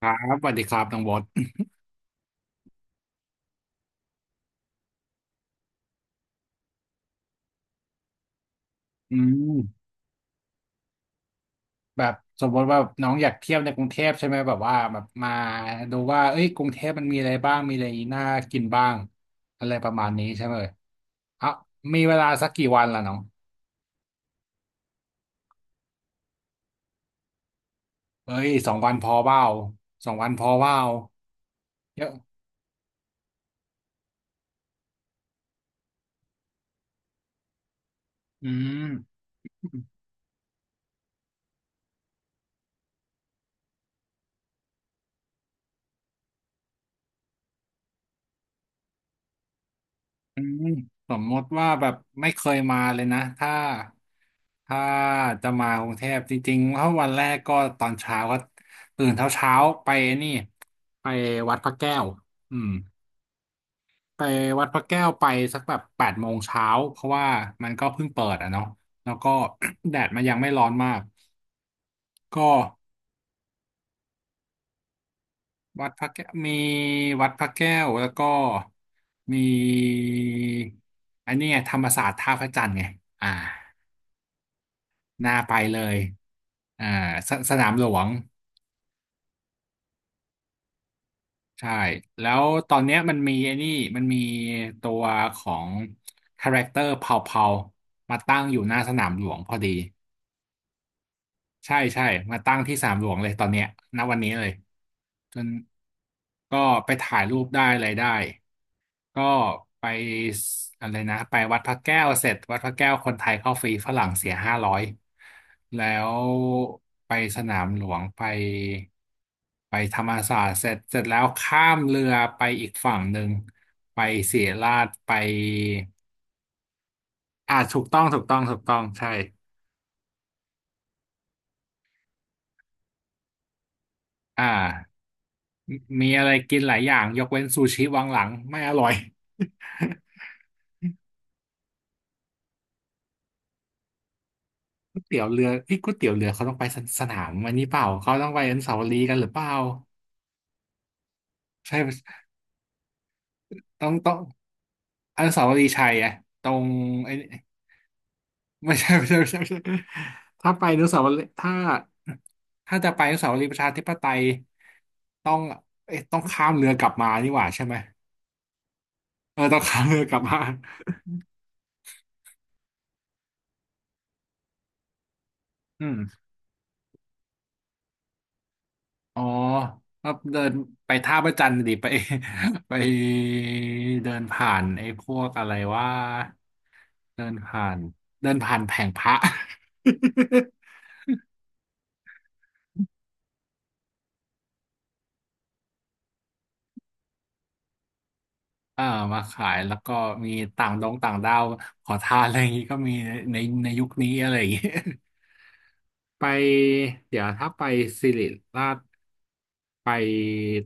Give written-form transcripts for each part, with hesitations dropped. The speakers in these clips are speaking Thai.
ครับสวัสดีครับน้องบอสอืมแบบสมมติว่าน้องอยากเที่ยวในกรุงเทพใช่ไหมแบบว่าแบบมาดูว่าเอ้ยกรุงเทพมันมีอะไรบ้างมีอะไรน่ากินบ้างอะไรประมาณนี้ใช่ไหมเอ่ะมีเวลาสักกี่วันล่ะน้องเอ้ยสองวันพอเปล่าสองวันพอเปล่าเยอะอืม อืมสมมติว่าแบบไม่เคยมาเลยนะถ้าจะมากรุงเทพจริงๆถ้าวันแรกก็ตอนเช้าก็ตื่นเช้าเช้าไปนี่ไปวัดพระแก้วอืมไปวัดพระแก้วไปสักแบบ8 โมงเช้าเพราะว่ามันก็เพิ่งเปิดอ่ะเนาะแล้วก็ แดดมันยังไม่ร้อนมากก็วัดพระแก้วมีวัดพระแก้วแล้วก็มีอันนี้ไงธรรมศาสตร์ท่าพระจันทร์ไงอ่า น่าไปเลยอ่าสสนามหลวงใช่แล้วตอนเนี้ยมันมีไอ้นี่มันมีตัวของคาแรคเตอร์เผาๆ มาตั้งอยู่หน้าสนามหลวงพอดี ใช่ใช่มาตั้งที่สนามหลวงเลยตอนเนี้ยณวันนี้เลย จนก็ไปถ่ายรูปได้อะไรได้ ก็ไปอะไรนะไปวัดพระแก้วเสร็จวัดพระแก้วคนไทยเข้าฟรีฝรั่งเสีย500แล้วไปสนามหลวงไปธรรมศาสตร์เสร็จเสร็จแล้วข้ามเรือไปอีกฝั่งหนึ่งไปศิริราชไปอ่าถูกต้องถูกต้องถูกต้องใช่อ่ามีอะไรกินหลายอย่างยกเว้นซูชิวังหลังไม่อร่อย ก๋วยเตี๋ยวเรือเอ้ยก๋วยเตี๋ยวเรือเขาต้องไปสสนามวันนี้เปล่าเขาต้องไปอนุสาวรีย์กันหรือเปล่า ใช่ต้องอนุสาวรีย์ชัยอะตรงไอ้ไม่ใช่ไม่ใช่ไม่ใช่ไม่ใช่ถ้าไปอนุสาวรีย์ถ้าจะไปอนุสาวรีย์ประชาธิปไตยต้องเอ๊ะต้องข้ามเรือกลับมานี่หว่าใช่ไหมเออต้องข้ามเรือกลับมาอืมอ๋อแล้วเดินไปท่าพระจันทร์ดิไป ไปเดินผ่านไอ้พวกอะไรว่าเดินผ่านเดินผ่านแผงพระ เอ่อมาขายแล้วก็มีต่างดงต่างดาวขอทานอะไรอย่างงี้ก็มีในในยุคนี้อะไรอย่างงี้ ไปเดี๋ยวถ้าไปสิริราชไป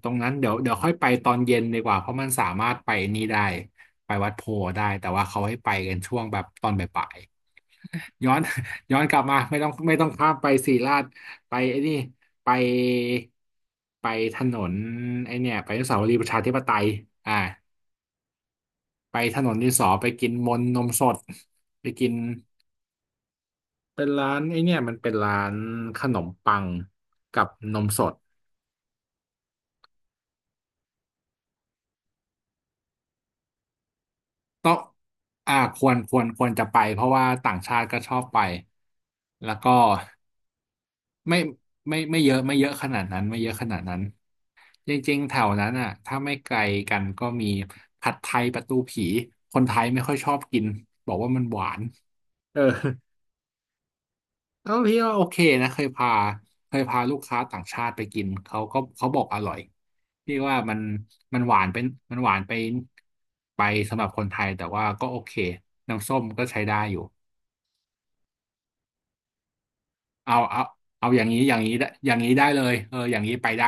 ตรงนั้นเดี๋ยวเดี๋ยวค่อยไปตอนเย็นดีกว่าเพราะมันสามารถไปนี่ได้ไปวัดโพธิ์ได้แต่ว่าเขาให้ไปกันช่วงแบบตอนบ่ายๆย้อน ย้อนกลับมาไม่ต้องไม่ต้องข้ามไปสิริราชไปไอ้นี่ไปไปถนนไอ้เนี่ยไปอนุสาวรีย์ประชาธิปไตยอ่า ไปถนนดินสอไปกินมนต์นมสดไปกินเป็นร้านไอเนี่ยมันเป็นร้านขนมปังกับนมสดต้องควรจะไปเพราะว่าต่างชาติก็ชอบไปแล้วก็ไม่ไม่เยอะไม่เยอะขนาดนั้นไม่เยอะขนาดนั้นจริงๆแถวนั้นอ่ะถ้าไม่ไกลกันก็มีผัดไทยประตูผีคนไทยไม่ค่อยชอบกินบอกว่ามันหวานเออ ก็พี่ว่าโอเคนะเคยพาลูกค้าต่างชาติไปกินเขาก็เขาบอกอร่อยพี่ว่ามันหวานเป็นมันหวานไปสำหรับคนไทยแต่ว่าก็โอเคน้ำส้มก็ใช้ได้อยู่เอาเอาเอาอย่างนี้อย่างนี้ได้อย่างนี้ได้เลยเอออย่างนี้ไปได้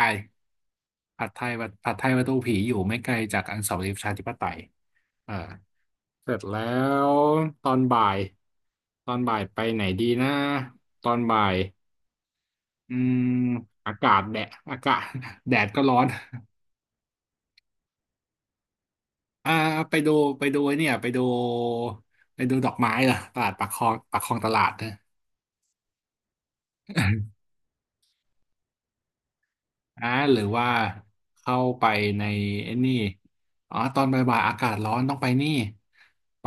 ผัดไทยวัดผัดไทยประตูผีอยู่ไม่ไกลจากอนุสาวรีย์ประชาธิปไตยเออเสร็จแล้วตอนบ่ายตอนบ่ายไปไหนดีนะตอนบ่าย อืมอากาศแดดอากาศ แดดก็ร้อน อ่าไปดูไปดูไอ้เนี่ยไปดูดอกไม้เหรอตลาดปากคลองปากคลองตลาดนะ อ่าหรือว่าเข้าไปในไอ้นี่อ๋อตอนบ่ายๆอากาศร้อนต้องไปนี่ไป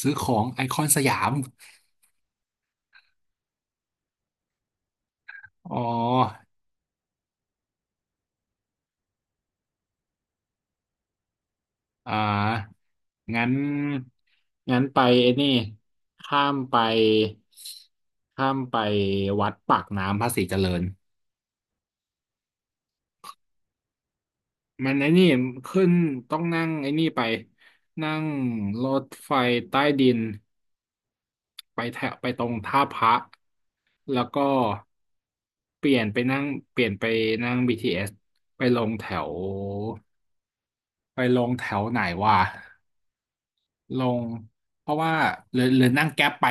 ซื้อของไอคอนสยามอ๋อ อ่างั้น งั้นไปไอ้นี่ข้ามไป ข้ามไปวัดปากน้ำภาษีเจริญมันไอ้นี่ขึ้นต้องนั่งไอ้นี่ไปนั่งรถไฟใต้ดินไปแถวไปตรงท่าพระ แล้วก็เปลี่ยนไปนั่งเปลี่ยนไปนั่ง BTS ไปลงแถวไปลงแถวไหนวะ ลงเพราะว่าหรือนั่งแก๊ปไป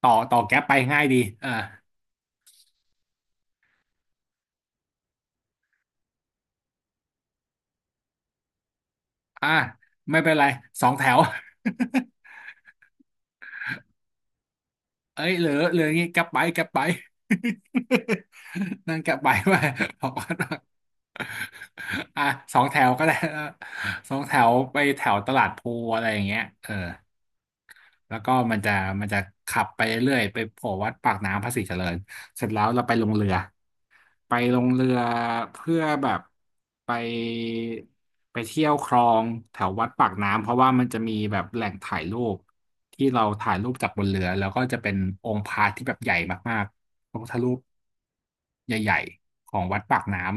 ต่อแก๊ปไปง่ายดีอ่าอ่าไม่เป็นไรสองแถว เอ้ยเหลืออย่างงี้แก๊ปไปแก๊ปไป นั่งแก๊ปไปไป บอกว่า อ่ะสองแถวก็ได้ นะสองแถวไปแถวตลาดพลูอะไรอย่างเงี้ยเออแล้วก็มันจะขับไปเรื่อยๆไปโผล่วัดปากน้ำภาษีเจริญเสร็จแล้วเราไปลงเรือ ไปลงเรือเพื่อแบบไปไปเที่ยวคลองแถววัดปากน้ำเพราะว่ามันจะมีแบบแหล่งถ่ายรูปที่เราถ่ายรูปจากบนเรือแล้วก็จะเป็นองค์พระที่แบบใหญ่มากๆพระพุทธรูปใหญ่ๆของวัดปากน้ำ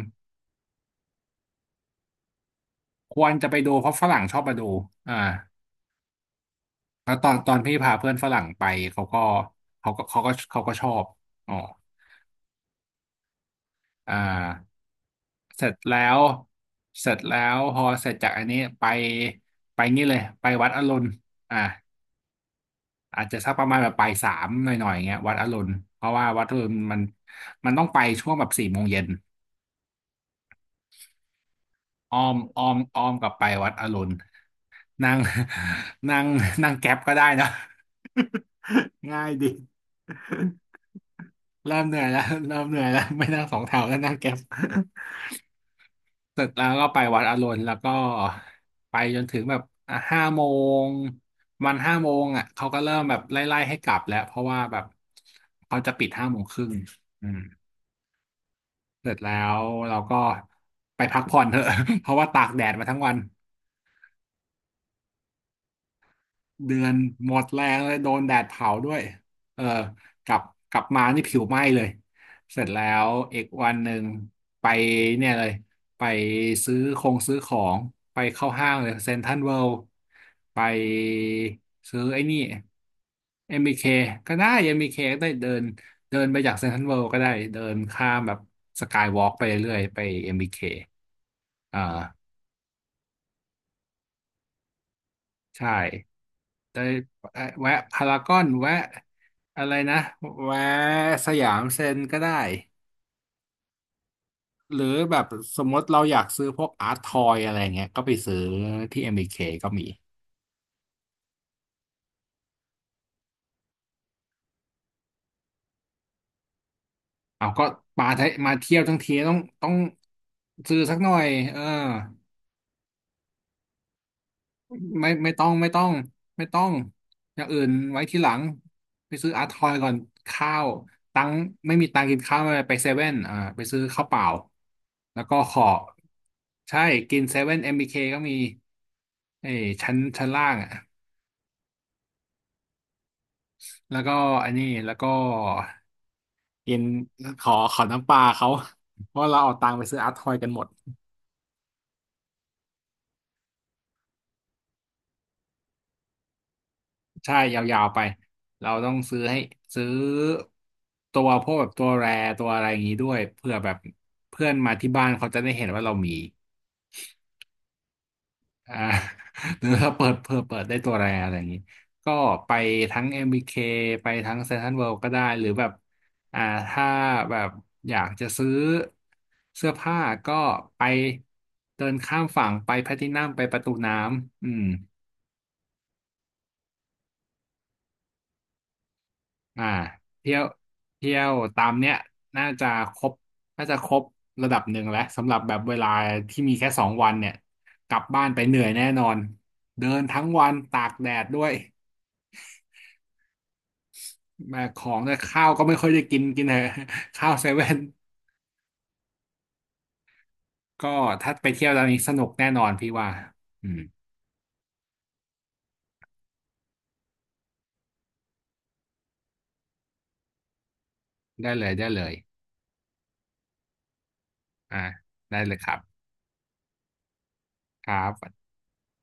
ควรจะไปดูเพราะฝรั่งชอบมาดูอ่าแล้วตอนพี่พาเพื่อนฝรั่งไปเขาก็เขาก็ชอบอ๋อ อ่าเสร็จแล้วเสร็จแล้วพอเสร็จจากอันนี้ไปไปนี่เลยไปวัดอรุณอ่าอาจจะสักประมาณแบบปลายสามหน่อยๆอย่างเงี้ยวัดอรุณเพราะว่าวัดอรุณมันต้องไปช่วงแบบ4 โมงเย็นอ้อมกลับไปวัดอรุณนั่ง นั่งนั่งแก๊ปก็ได้นะ ง่ายดีเริ่มเหนื่อยแล้วเริ่มเหนื่อยแล้วไม่นั่งสองแถวแล้วนั่งแก๊ป เสร็จแล้วก็ไปวัดอรุณแล้วก็ไปจนถึงแบบห้าโมงห้าโมงอ่ะเขาก็เริ่มแบบไล่ๆให้กลับแล้วเพราะว่าแบบเขาจะปิด5 โมงครึ่งอืมเสร็จแล้วเราก็ไปพักผ่อนเถอะ เพราะว่าตากแดดมาทั้งวัน เดือนหมดแรงเลยโดนแดดเผาด้วยเออกลับกลับมานี่ผิวไหม้เลย เสร็จแล้วอีกวันหนึ่งไปเนี่ยเลยไปซื้อของ ไปเข้าห้างเลยเซ็นทรัลเวิลด์ไปซื้อไอ้นี่ MBK ก็ได้ MBK ก็ได้เดินเดินไปจากเซ็นทรัลเวิลด์ก็ได้เดินข้ามแบบสกายวอล์กไปเรื่อยๆไป MBK อมบีเคอ่าใช่ ได้แวะพารากอนแวะอะไรนะแวะสยามเซ็นก็ได้หรือแบบสมมติเราอยากซื้อพวกอาร์ตทอยอะไรเงี้ยก็ไปซื้อที่ MBK ก็มีเอาก็มาไทยมาเที่ยวทั้งทีต้องซื้อสักหน่อยเออ ไม่ไม่ต้องไม่ต้องไม่ต้องอย่างอื่นไว้ทีหลังไปซื้ออาร์ทอยก่อนข้าวตังค์ไม่มีตังค์กินข้าวไม่เป็นไรไปเซเว่นอ่าไปซื้อข้าวเปล่าแล้วก็ขอใช่กินเซเว่นเอ็มบีเคก็มีเอ้ยชั้นล่างอ่ะแล้วก็อันนี้แล้วก็กินขอน้ำปลาเขาเพราะเราเอาตังค์ไปซื้ออาร์ทอยกันหมด ใช่ยาวๆไปเราต้องซื้อตัวพวกแบบตัวแรตัวอะไรอย่างนี้ด้วยเพื่อแบบเพื่อนมาที่บ้านเขาจะได้เห็นว่าเรามีอ่า หรือเราเปิดเพื่อเปิดได้ตัวแรอะไรอย่างนี้ก็ไปทั้ง MBK ไปทั้งเซ็นทรัลเวิลด์ก็ได้หรือแบบอ่าถ้าแบบอยากจะซื้อเสื้อผ้าก็ไปเดินข้ามฝั่งไปแพทินัมไปประตูน้ำอืม อ่าเที่ยวเที่ยวตามเนี้ยน่าจะครบน่าจะครบระดับหนึ่งแล้วสำหรับแบบเวลาที่มีแค่2 วันเนี่ยกลับบ้านไปเหนื่อยแน่นอนเดินทั้งวันตากแดดด้วยแบกของด้ยข้าวก็ไม่ค่อยได้กินกินเถอะ ข้าวเซเว่นก็ถ้าไปเที่ยวตอนนี้สนุกแน่นอนพี่ว่าอืมได้เลยได้เลยอ่าได้เลยครับครับ